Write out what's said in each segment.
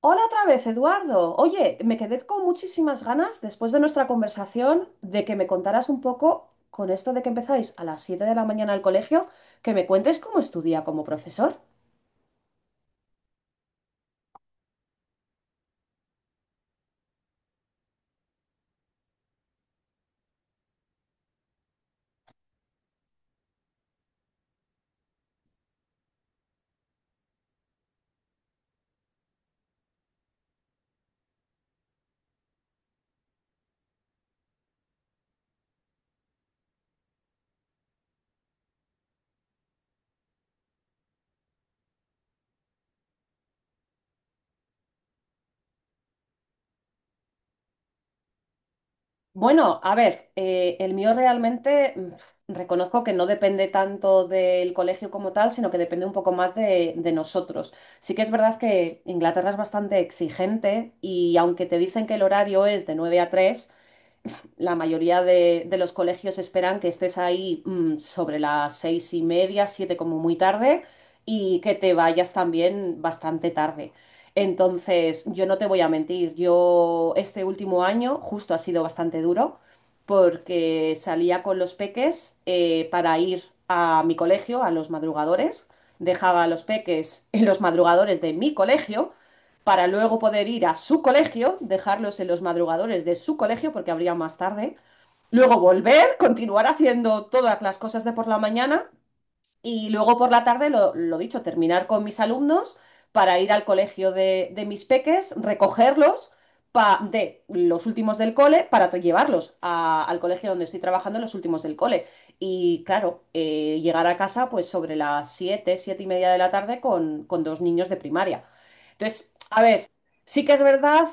Hola otra vez, Eduardo. Oye, me quedé con muchísimas ganas después de nuestra conversación de que me contaras un poco con esto de que empezáis a las 7 de la mañana al colegio, que me cuentes cómo estudia como profesor. Bueno, a ver, el mío realmente reconozco que no depende tanto del colegio como tal, sino que depende un poco más de nosotros. Sí que es verdad que Inglaterra es bastante exigente y aunque te dicen que el horario es de 9 a 3 la mayoría de los colegios esperan que estés ahí sobre las seis y media, siete como muy tarde, y que te vayas también bastante tarde. Entonces, yo no te voy a mentir, yo este último año justo ha sido bastante duro porque salía con los peques para ir a mi colegio, a los madrugadores, dejaba a los peques en los madrugadores de mi colegio para luego poder ir a su colegio, dejarlos en los madrugadores de su colegio porque abría más tarde, luego volver, continuar haciendo todas las cosas de por la mañana y luego por la tarde, lo dicho, terminar con mis alumnos para ir al colegio de mis peques, recogerlos de los últimos del cole para llevarlos al colegio donde estoy trabajando los últimos del cole. Y claro, llegar a casa pues sobre las 7 7 y media de la tarde con dos niños de primaria. Entonces, a ver, sí que es verdad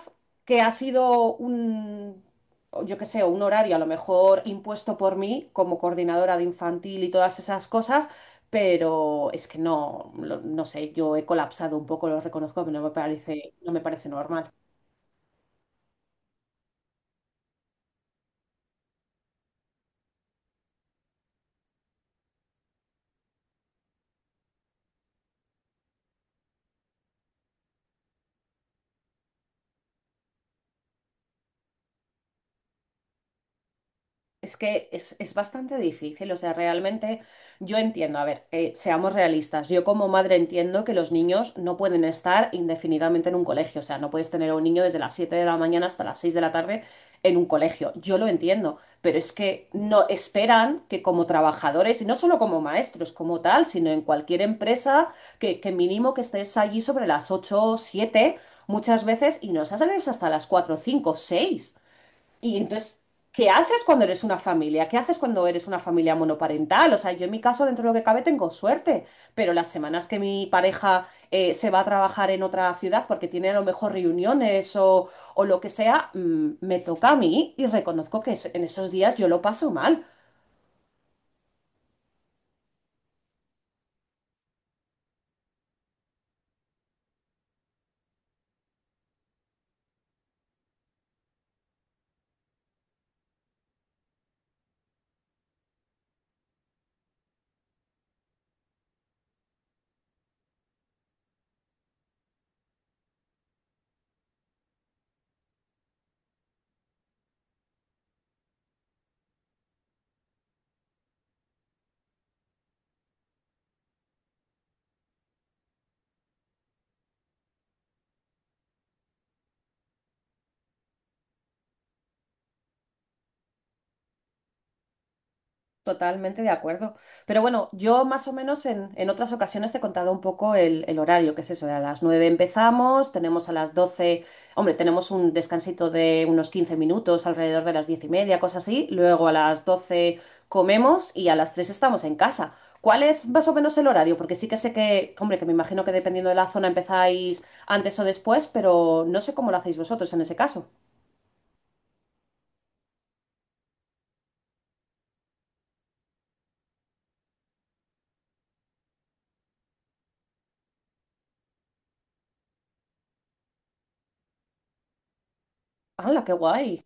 que ha sido o yo qué sé, un horario a lo mejor impuesto por mí como coordinadora de infantil y todas esas cosas, pero es que no, no sé, yo he colapsado un poco, lo reconozco, pero no me parece normal. Es que es bastante difícil, o sea, realmente yo entiendo, a ver, seamos realistas, yo como madre entiendo que los niños no pueden estar indefinidamente en un colegio, o sea, no puedes tener a un niño desde las 7 de la mañana hasta las 6 de la tarde en un colegio, yo lo entiendo, pero es que no esperan que como trabajadores, y no solo como maestros como tal, sino en cualquier empresa, que mínimo que estés allí sobre las 8 o 7 muchas veces y no sales hasta las 4 5 6. Y entonces, ¿qué haces cuando eres una familia? ¿Qué haces cuando eres una familia monoparental? O sea, yo en mi caso, dentro de lo que cabe, tengo suerte, pero las semanas que mi pareja se va a trabajar en otra ciudad porque tiene a lo mejor reuniones o lo que sea, me toca a mí y reconozco que en esos días yo lo paso mal. Totalmente de acuerdo. Pero bueno, yo más o menos en otras ocasiones te he contado un poco el horario, que es eso, a las 9 empezamos, tenemos a las 12, hombre, tenemos un descansito de unos 15 minutos, alrededor de las 10 y media, cosas así, luego a las 12 comemos y a las 3 estamos en casa. ¿Cuál es más o menos el horario? Porque sí que sé que, hombre, que me imagino que dependiendo de la zona empezáis antes o después, pero no sé cómo lo hacéis vosotros en ese caso. ¡Hala, qué guay!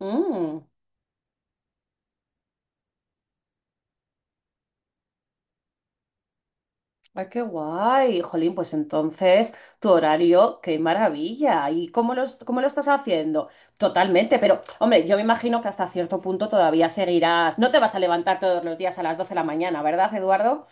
Mm. Ay, qué guay, jolín, pues entonces tu horario, qué maravilla. ¿Y cómo cómo lo estás haciendo? Totalmente, pero hombre, yo me imagino que hasta cierto punto todavía seguirás. No te vas a levantar todos los días a las 12 de la mañana, ¿verdad, Eduardo?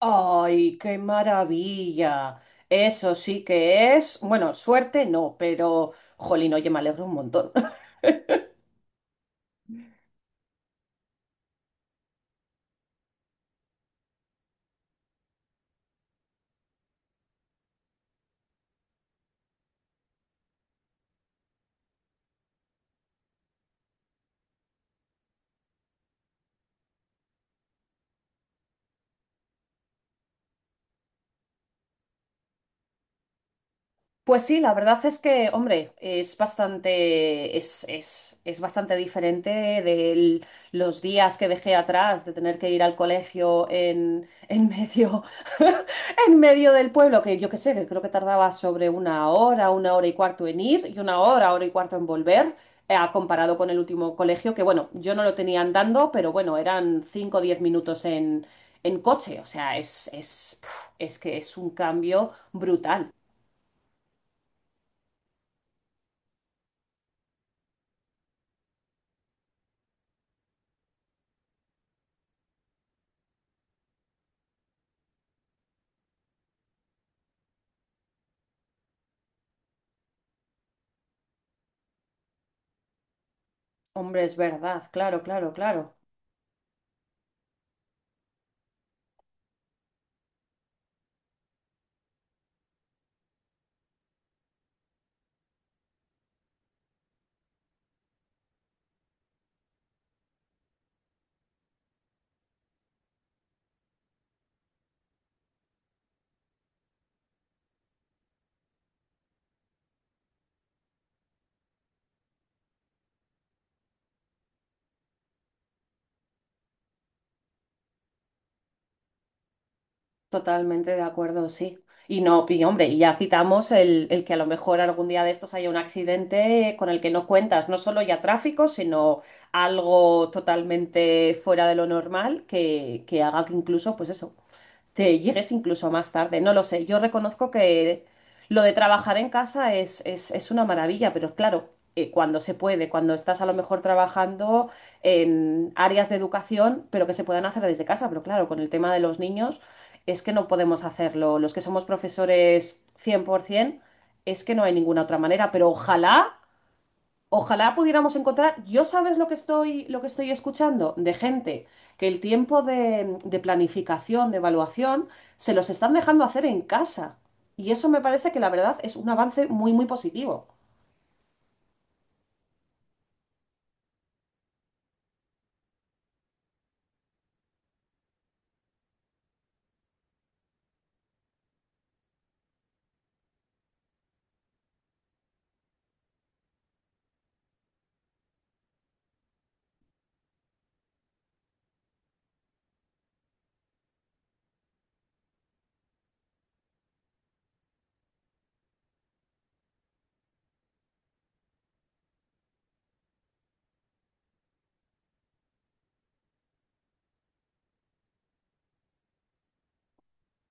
Ay, qué maravilla. Eso sí que es, bueno, suerte no, pero jolín, oye, me alegro un montón. Pues sí, la verdad es que, hombre, es bastante diferente de los días que dejé atrás de tener que ir al colegio en medio, en medio del pueblo, que yo qué sé, que creo que tardaba sobre una hora y cuarto en ir y una hora, hora y cuarto en volver, comparado con el último colegio, que bueno, yo no lo tenía andando, pero bueno, eran cinco o diez minutos en coche, o sea, es que es un cambio brutal. Hombre, es verdad, claro, claro, claro. Totalmente de acuerdo, sí. Y no, y hombre, y ya quitamos el que a lo mejor algún día de estos haya un accidente con el que no cuentas, no solo ya tráfico, sino algo totalmente fuera de lo normal que haga que incluso, pues eso, te llegues incluso más tarde. No lo sé, yo reconozco que lo de trabajar en casa es una maravilla, pero claro, cuando se puede, cuando estás a lo mejor trabajando en áreas de educación, pero que se puedan hacer desde casa, pero claro, con el tema de los niños es que no podemos hacerlo. Los que somos profesores 100%, es que no hay ninguna otra manera, pero ojalá, ojalá pudiéramos encontrar, yo sabes lo que estoy escuchando de gente que el tiempo de planificación, de evaluación, se los están dejando hacer en casa. Y eso me parece que la verdad es un avance muy, muy positivo.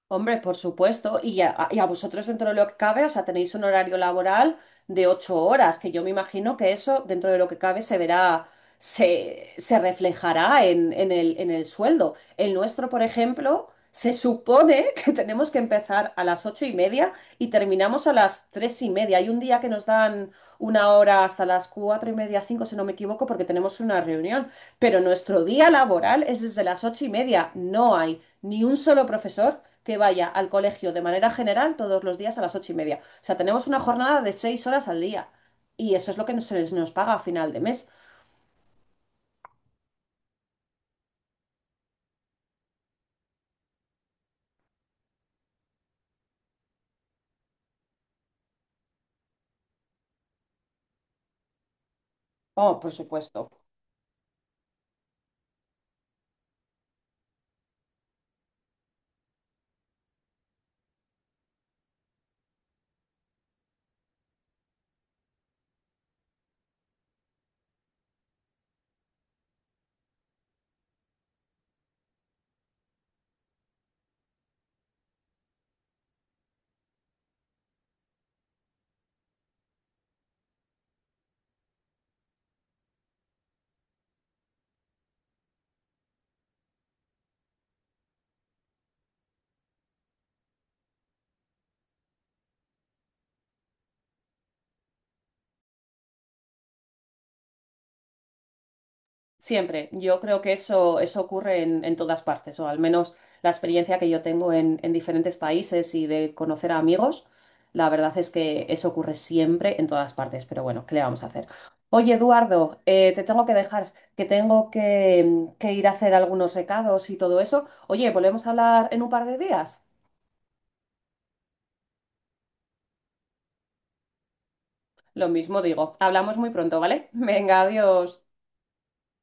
Hombre, por supuesto. Y a vosotros dentro de lo que cabe, o sea, tenéis un horario laboral de ocho horas, que yo me imagino que eso dentro de lo que cabe se verá, se reflejará en el sueldo. El nuestro, por ejemplo, se supone que tenemos que empezar a las ocho y media y terminamos a las tres y media. Hay un día que nos dan una hora hasta las cuatro y media, cinco, si no me equivoco, porque tenemos una reunión. Pero nuestro día laboral es desde las ocho y media. No hay ni un solo profesor que vaya al colegio de manera general todos los días a las ocho y media. O sea, tenemos una jornada de seis horas al día. Y eso es lo que nos paga a final de mes. Oh, por supuesto. Siempre. Yo creo que eso ocurre en todas partes, o al menos la experiencia que yo tengo en diferentes países y de conocer a amigos, la verdad es que eso ocurre siempre en todas partes, pero bueno, ¿qué le vamos a hacer? Oye, Eduardo, te tengo que dejar, que tengo que ir a hacer algunos recados y todo eso. Oye, ¿volvemos a hablar en un par de días? Lo mismo digo, hablamos muy pronto, ¿vale? Venga, adiós.